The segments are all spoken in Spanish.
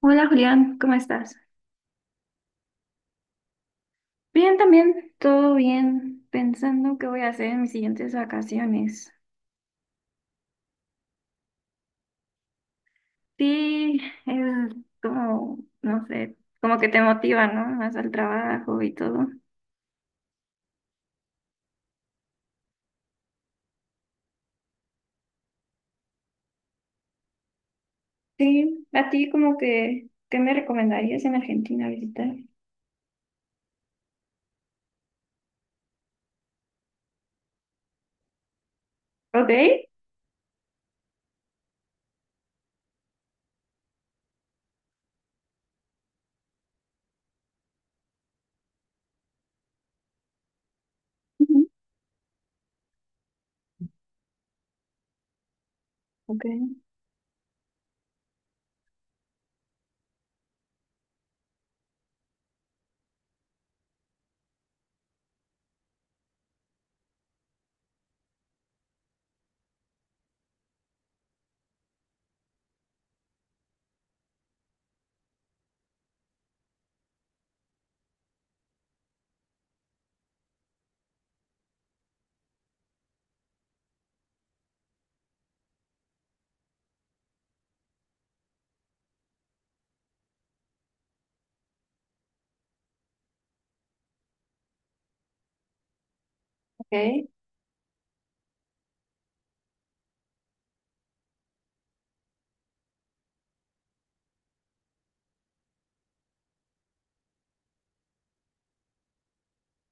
Hola Julián, ¿cómo estás? Bien, también, todo bien, pensando qué voy a hacer en mis siguientes vacaciones. Sí, es como, no sé, como que te motiva, ¿no? Más al trabajo y todo. Sí, a ti como que, ¿qué me recomendarías en Argentina visitar? Ok. Ujú. Ok. Ok.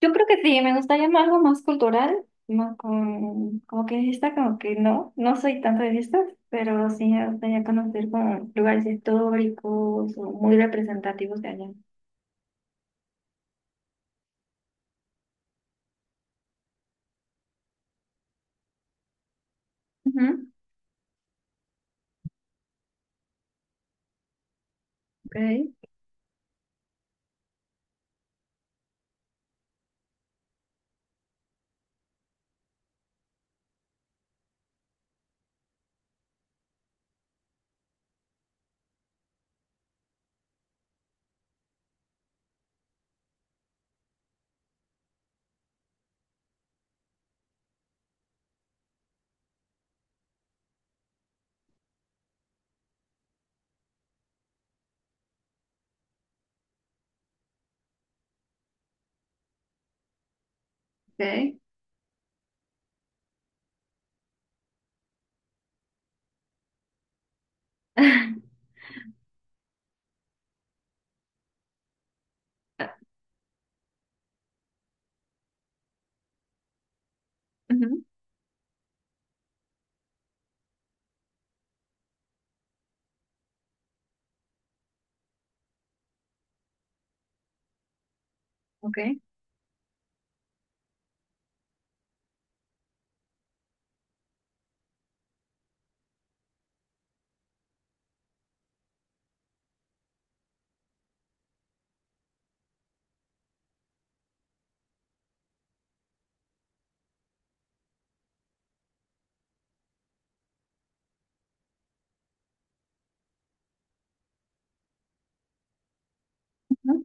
Yo creo que sí, me gustaría algo más cultural, más con, como que fiesta, como que no, no soy tanto de fiestas, pero sí me gustaría conocer como lugares históricos o muy representativos de allá. Ujú, okay, okay. Ujú, okay, ujú.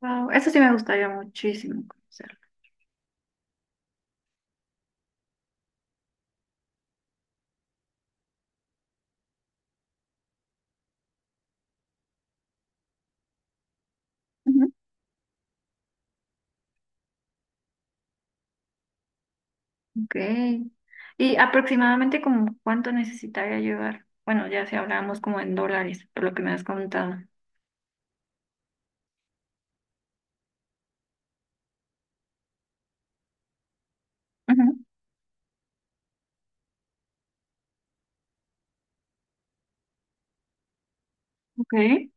Wow, eso sí me gustaría muchísimo conocerlo. Ujú. Okay. ¿Y aproximadamente como cuánto necesitaría llevar? Bueno, ya si hablábamos como en dólares, por lo que me has contado. Ujú, okay.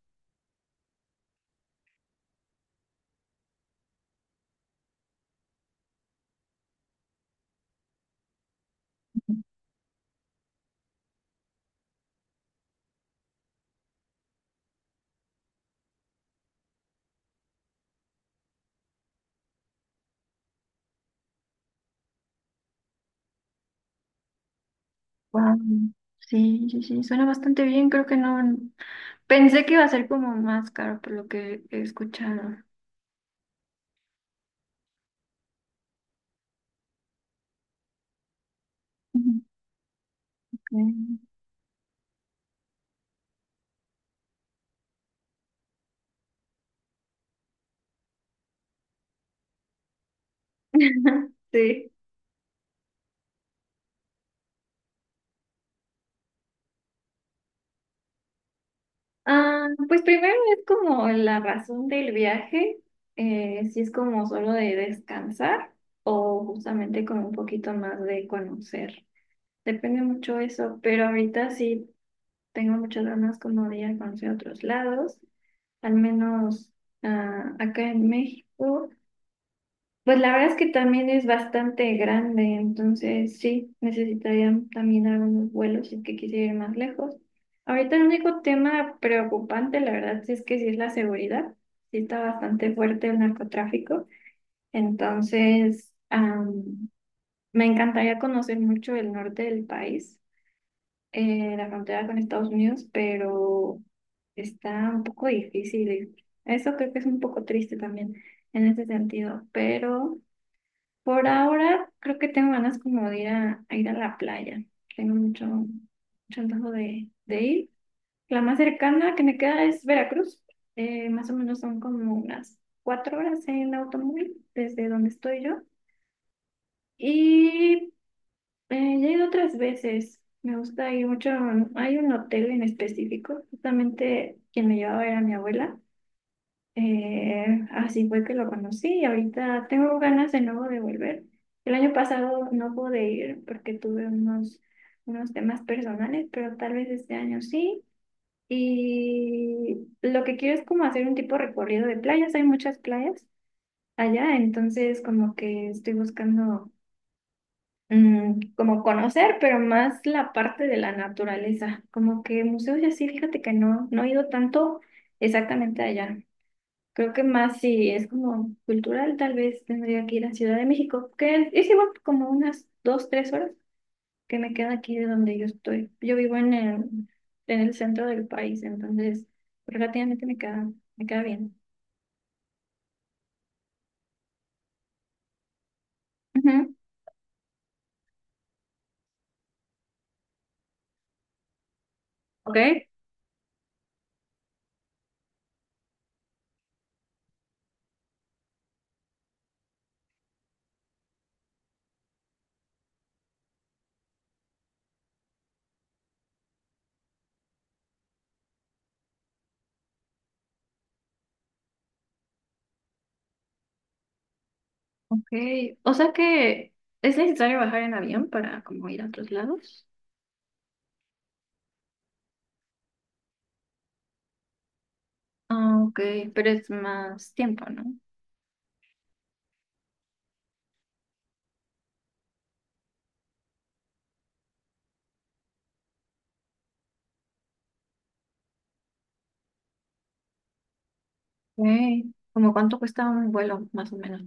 Wow, sí, sí, sí, suena bastante bien, creo que no, pensé que iba a ser como más caro por lo que he escuchado. Ujú. Ok. Sí. Ah, pues primero es como la razón del viaje, si es como solo de descansar o justamente como un poquito más de conocer. Depende mucho eso, pero ahorita sí tengo muchas ganas como de ir a conocer otros lados, al menos acá en México. Pues la verdad es que también es bastante grande, entonces sí, necesitarían también algunos vuelos si es que quisiera ir más lejos. Ahorita el único tema preocupante, la verdad, sí es que sí es la seguridad. Sí está bastante fuerte el narcotráfico. Entonces, me encantaría conocer mucho el norte del país, la frontera con Estados Unidos, pero está un poco difícil. Eso creo que es un poco triste también en ese sentido, pero... Por ahora creo que tengo ganas como de a ir a la playa. Tengo mucho, mucho antojo de ir. La más cercana que me queda es Veracruz. Más o menos son como unas cuatro horas en automóvil desde donde estoy yo. Y ya he ido otras veces. Me gusta ir mucho. Hay un hotel en específico. Justamente quien me llevaba era mi abuela. Eh, así fue que lo conocí y ahorita tengo ganas de nuevo de volver. El año pasado no pude ir porque tuve unos temas personales, pero tal vez este año sí. Y lo que quiero es como hacer un tipo de recorrido de playas. Hay muchas playas allá, entonces como que estoy buscando como conocer, pero más la parte de la naturaleza. Como que museos y así, fíjate que no, no he ido tanto exactamente allá. Creo que más si es como cultural, tal vez tendría que ir a Ciudad de México, que es igual como unas dos, tres horas que me queda aquí de donde yo estoy. Yo vivo en el centro del país, entonces relativamente me queda bien. Ujú, ok, ok. O sea que es necesario bajar en avión para como ir a otros lados. Ah, ok, pero es más tiempo, ¿no? Ok. ¿Como cuánto cuesta un vuelo, más o menos?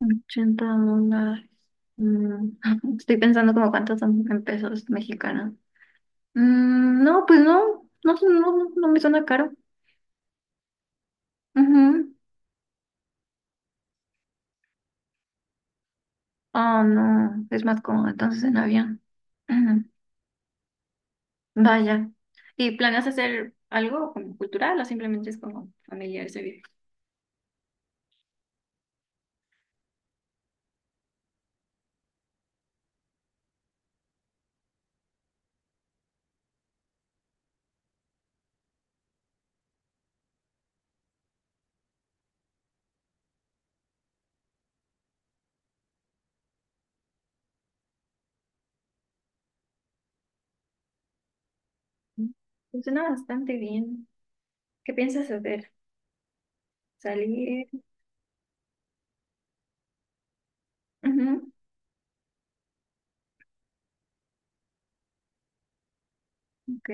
80 dólares. Mm, estoy pensando como cuántos son en pesos mexicanos. Mm, no, pues no, no, no, no me suena caro. Ujú. Oh, no, es más cómodo entonces en avión. Ujú. Vaya. ¿Y planeas hacer algo como cultural o simplemente es como familiar ese viaje? Mm, funciona bastante bien. ¿Qué piensas hacer? ¿Salir? Ujú, ok.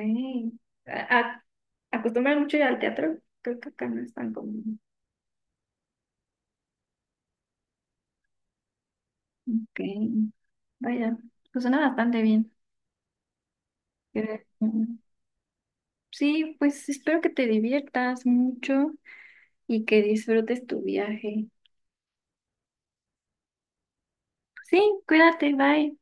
¿A- a- ¿Acostumbran mucho ir al teatro? Creo que acá no es tan común. Ok. Vaya, pues suena bastante bien. Eh, mm, Sí, pues espero que te diviertas mucho y que disfrutes tu viaje. Sí, cuídate, bye.